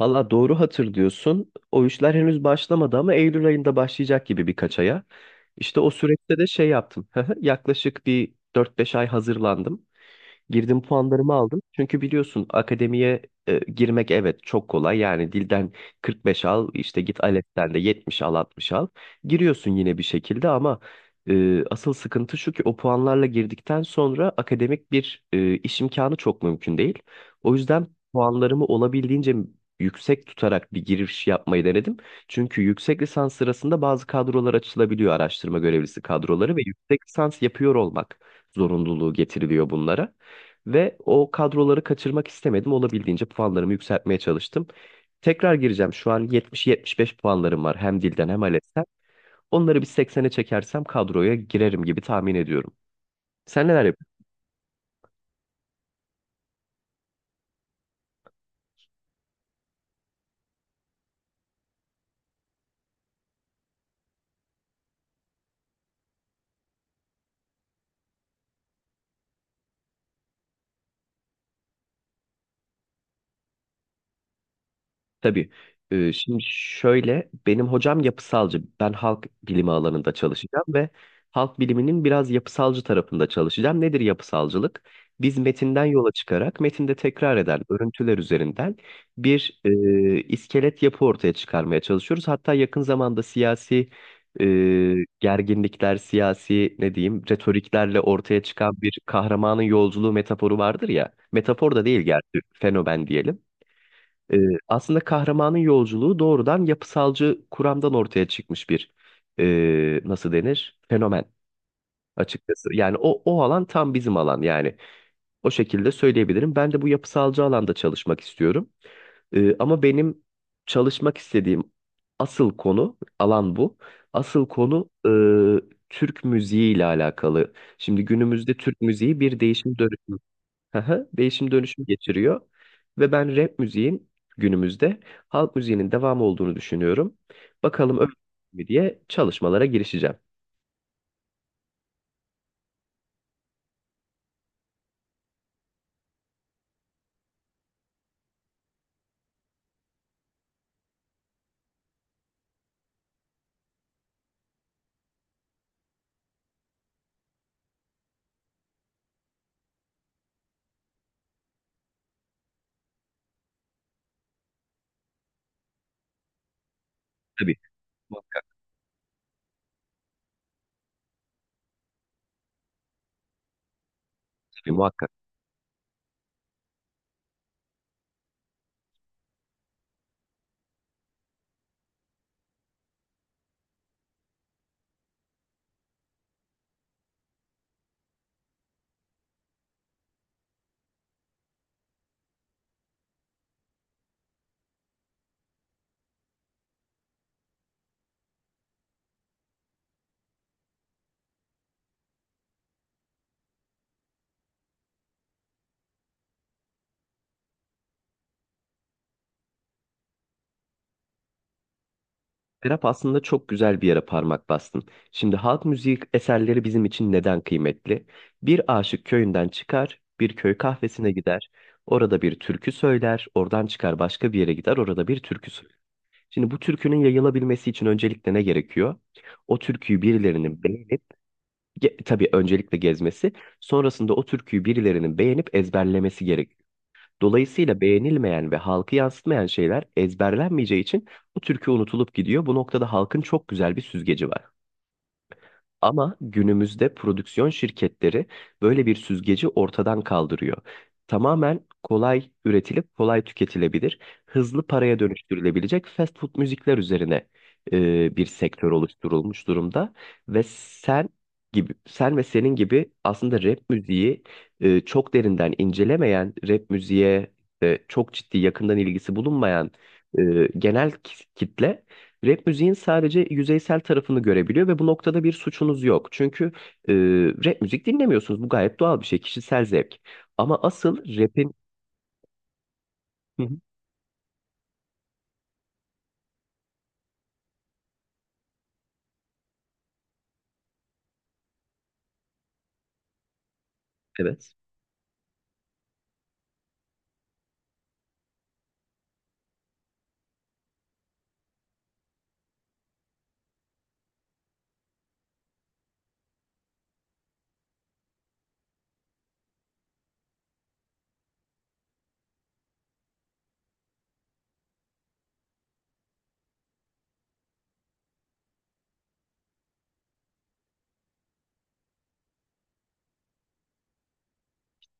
Valla doğru hatırlıyorsun. O işler henüz başlamadı ama Eylül ayında başlayacak gibi birkaç aya. İşte o süreçte de şey yaptım. Yaklaşık bir 4-5 ay hazırlandım. Girdim, puanlarımı aldım. Çünkü biliyorsun akademiye girmek evet çok kolay. Yani dilden 45 al, işte git ALES'ten de 70 al, 60 al. Giriyorsun yine bir şekilde ama asıl sıkıntı şu ki o puanlarla girdikten sonra akademik bir iş imkanı çok mümkün değil. O yüzden puanlarımı olabildiğince yüksek tutarak bir giriş yapmayı denedim. Çünkü yüksek lisans sırasında bazı kadrolar açılabiliyor, araştırma görevlisi kadroları, ve yüksek lisans yapıyor olmak zorunluluğu getiriliyor bunlara. Ve o kadroları kaçırmak istemedim. Olabildiğince puanlarımı yükseltmeye çalıştım. Tekrar gireceğim. Şu an 70-75 puanlarım var. Hem dilden hem ALES'ten. Onları bir 80'e çekersem kadroya girerim gibi tahmin ediyorum. Sen neler yapıyorsun? Tabii. Şimdi şöyle, benim hocam yapısalcı. Ben halk bilimi alanında çalışacağım ve halk biliminin biraz yapısalcı tarafında çalışacağım. Nedir yapısalcılık? Biz metinden yola çıkarak metinde tekrar eden örüntüler üzerinden bir iskelet yapı ortaya çıkarmaya çalışıyoruz. Hatta yakın zamanda siyasi e, gerginlikler, siyasi, ne diyeyim, retoriklerle ortaya çıkan bir kahramanın yolculuğu metaforu vardır ya. Metafor da değil gerçi, fenomen diyelim. Ee, Aslında kahramanın yolculuğu doğrudan yapısalcı kuramdan ortaya çıkmış bir nasıl denir, fenomen açıkçası. Yani o alan tam bizim alan yani. O şekilde söyleyebilirim. Ben de bu yapısalcı alanda çalışmak istiyorum. Ama benim çalışmak istediğim asıl konu, alan bu. Asıl konu Türk müziği ile alakalı. Şimdi günümüzde Türk müziği bir değişim dönüşüm... Aha, değişim dönüşüm geçiriyor. Ve ben rap müziğin günümüzde halk müziğinin devamı olduğunu düşünüyorum. Bakalım öyle mi diye çalışmalara girişeceğim. Tabii muhakkak. Tabii muhakkak. Rap aslında çok güzel bir yere parmak bastın. Şimdi halk müziği eserleri bizim için neden kıymetli? Bir aşık köyünden çıkar, bir köy kahvesine gider. Orada bir türkü söyler, oradan çıkar başka bir yere gider, orada bir türkü söyler. Şimdi bu türkünün yayılabilmesi için öncelikle ne gerekiyor? O türküyü birilerinin beğenip... Tabii öncelikle gezmesi, sonrasında o türküyü birilerinin beğenip ezberlemesi gerek. Dolayısıyla beğenilmeyen ve halkı yansıtmayan şeyler ezberlenmeyeceği için bu türkü unutulup gidiyor. Bu noktada halkın çok güzel bir süzgeci var. Ama günümüzde prodüksiyon şirketleri böyle bir süzgeci ortadan kaldırıyor. Tamamen kolay üretilip kolay tüketilebilir, hızlı paraya dönüştürülebilecek fast food müzikler üzerine bir sektör oluşturulmuş durumda ve sen ve senin gibi aslında rap müziği çok derinden incelemeyen, rap müziğe çok ciddi, yakından ilgisi bulunmayan e, genel kitle rap müziğin sadece yüzeysel tarafını görebiliyor ve bu noktada bir suçunuz yok. Çünkü e, rap müzik dinlemiyorsunuz. Bu gayet doğal bir şey, kişisel zevk. Ama asıl rapin... Hı hı. Evet.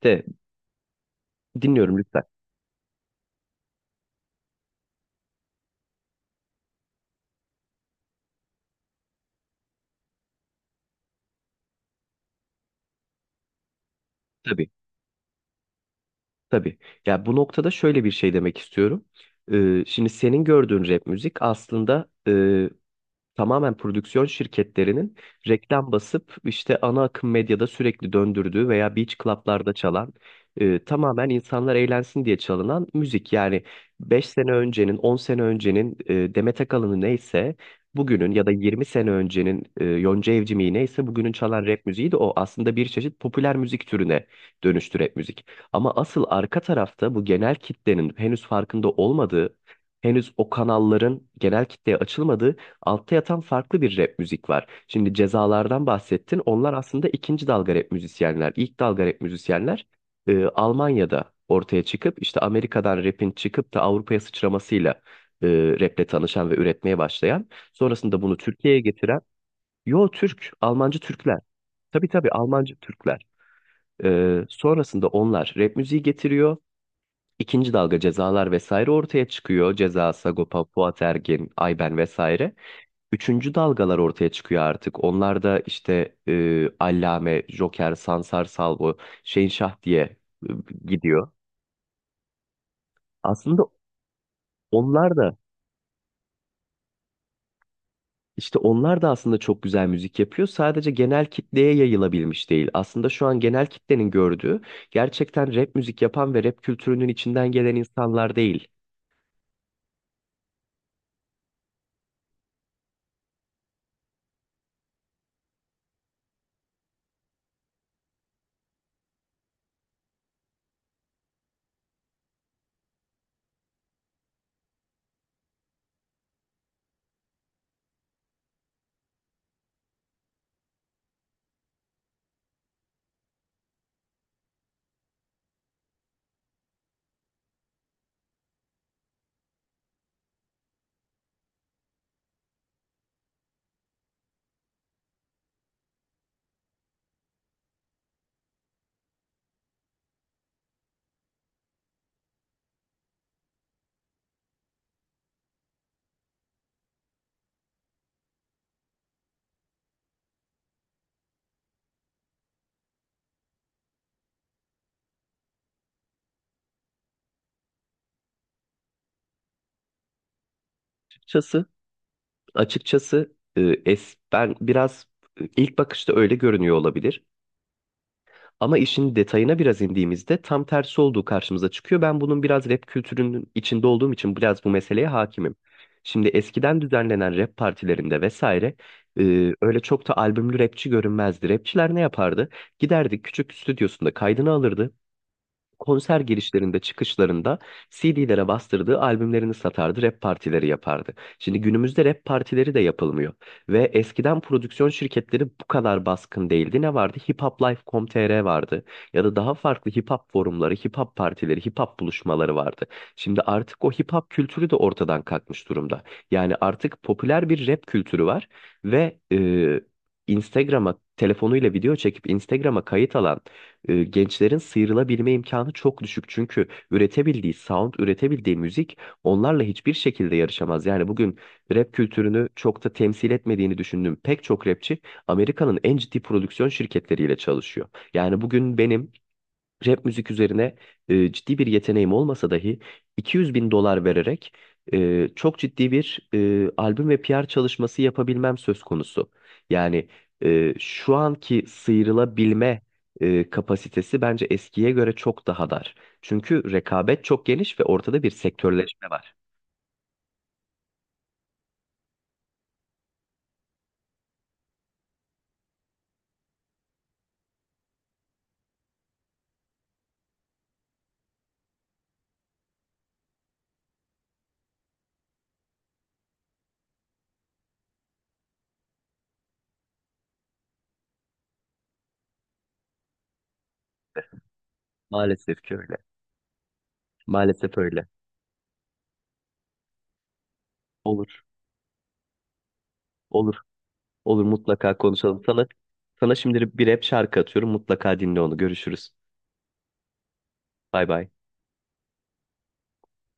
De, dinliyorum lütfen. Tabii, tabii. Ya bu noktada şöyle bir şey demek istiyorum. Şimdi senin gördüğün rap müzik aslında tamamen prodüksiyon şirketlerinin reklam basıp işte ana akım medyada sürekli döndürdüğü veya beach club'larda çalan, tamamen insanlar eğlensin diye çalınan müzik. Yani 5 sene öncenin, 10 sene öncenin Demet Akalın'ı neyse, bugünün ya da 20 sene öncenin Yonca Evcimik'i neyse bugünün çalan rap müziği de o. Aslında bir çeşit popüler müzik türüne dönüştü rap müzik. Ama asıl arka tarafta, bu genel kitlenin henüz farkında olmadığı, henüz o kanalların genel kitleye açılmadığı, altta yatan farklı bir rap müzik var. Şimdi cezalardan bahsettin. Onlar aslında ikinci dalga rap müzisyenler. İlk dalga rap müzisyenler Almanya'da ortaya çıkıp, işte Amerika'dan rapin çıkıp da Avrupa'ya sıçramasıyla e, raple tanışan ve üretmeye başlayan, sonrasında bunu Türkiye'ye getiren. Yo, Türk, Almancı Türkler. Tabii tabii, Almancı Türkler. Sonrasında onlar rap müziği getiriyor. İkinci dalga cezalar vesaire ortaya çıkıyor. Ceza, Sagopa, Fuat Ergin, Ayben vesaire. Üçüncü dalgalar ortaya çıkıyor artık. Onlar da işte Allame, Joker, Sansar Salvo, Şehinşah diye e, gidiyor. Aslında onlar da onlar da aslında çok güzel müzik yapıyor. Sadece genel kitleye yayılabilmiş değil. Aslında şu an genel kitlenin gördüğü gerçekten rap müzik yapan ve rap kültürünün içinden gelen insanlar değil. Açıkçası, açıkçası, ben biraz, ilk bakışta öyle görünüyor olabilir. Ama işin detayına biraz indiğimizde tam tersi olduğu karşımıza çıkıyor. Ben bunun biraz rap kültürünün içinde olduğum için biraz bu meseleye hakimim. Şimdi eskiden düzenlenen rap partilerinde vesaire, öyle çok da albümlü rapçi görünmezdi. Rapçiler ne yapardı? Giderdi, küçük stüdyosunda kaydını alırdı, konser girişlerinde, çıkışlarında CD'lere bastırdığı albümlerini satardı, rap partileri yapardı. Şimdi günümüzde rap partileri de yapılmıyor. Ve eskiden prodüksiyon şirketleri bu kadar baskın değildi. Ne vardı? Hiphop Life, nokta Com, HipHopLife.com.tr vardı. Ya da daha farklı hip hop forumları, hip hop partileri, hip hop buluşmaları vardı. Şimdi artık o hip hop kültürü de ortadan kalkmış durumda. Yani artık popüler bir rap kültürü var ve Instagram'a telefonuyla video çekip Instagram'a kayıt alan gençlerin sıyrılabilme imkanı çok düşük. Çünkü üretebildiği sound, üretebildiği müzik onlarla hiçbir şekilde yarışamaz. Yani bugün rap kültürünü çok da temsil etmediğini düşündüğüm pek çok rapçi Amerika'nın en ciddi prodüksiyon şirketleriyle çalışıyor. Yani bugün benim rap müzik üzerine ciddi bir yeteneğim olmasa dahi 200 bin dolar vererek çok ciddi bir albüm ve PR çalışması yapabilmem söz konusu. Yani şu anki sıyrılabilme kapasitesi bence eskiye göre çok daha dar. Çünkü rekabet çok geniş ve ortada bir sektörleşme var. Maalesef ki öyle. Maalesef öyle. Olur, olur, olur, mutlaka konuşalım. Sana şimdi bir rap şarkı atıyorum. Mutlaka dinle onu. Görüşürüz. Bay bay.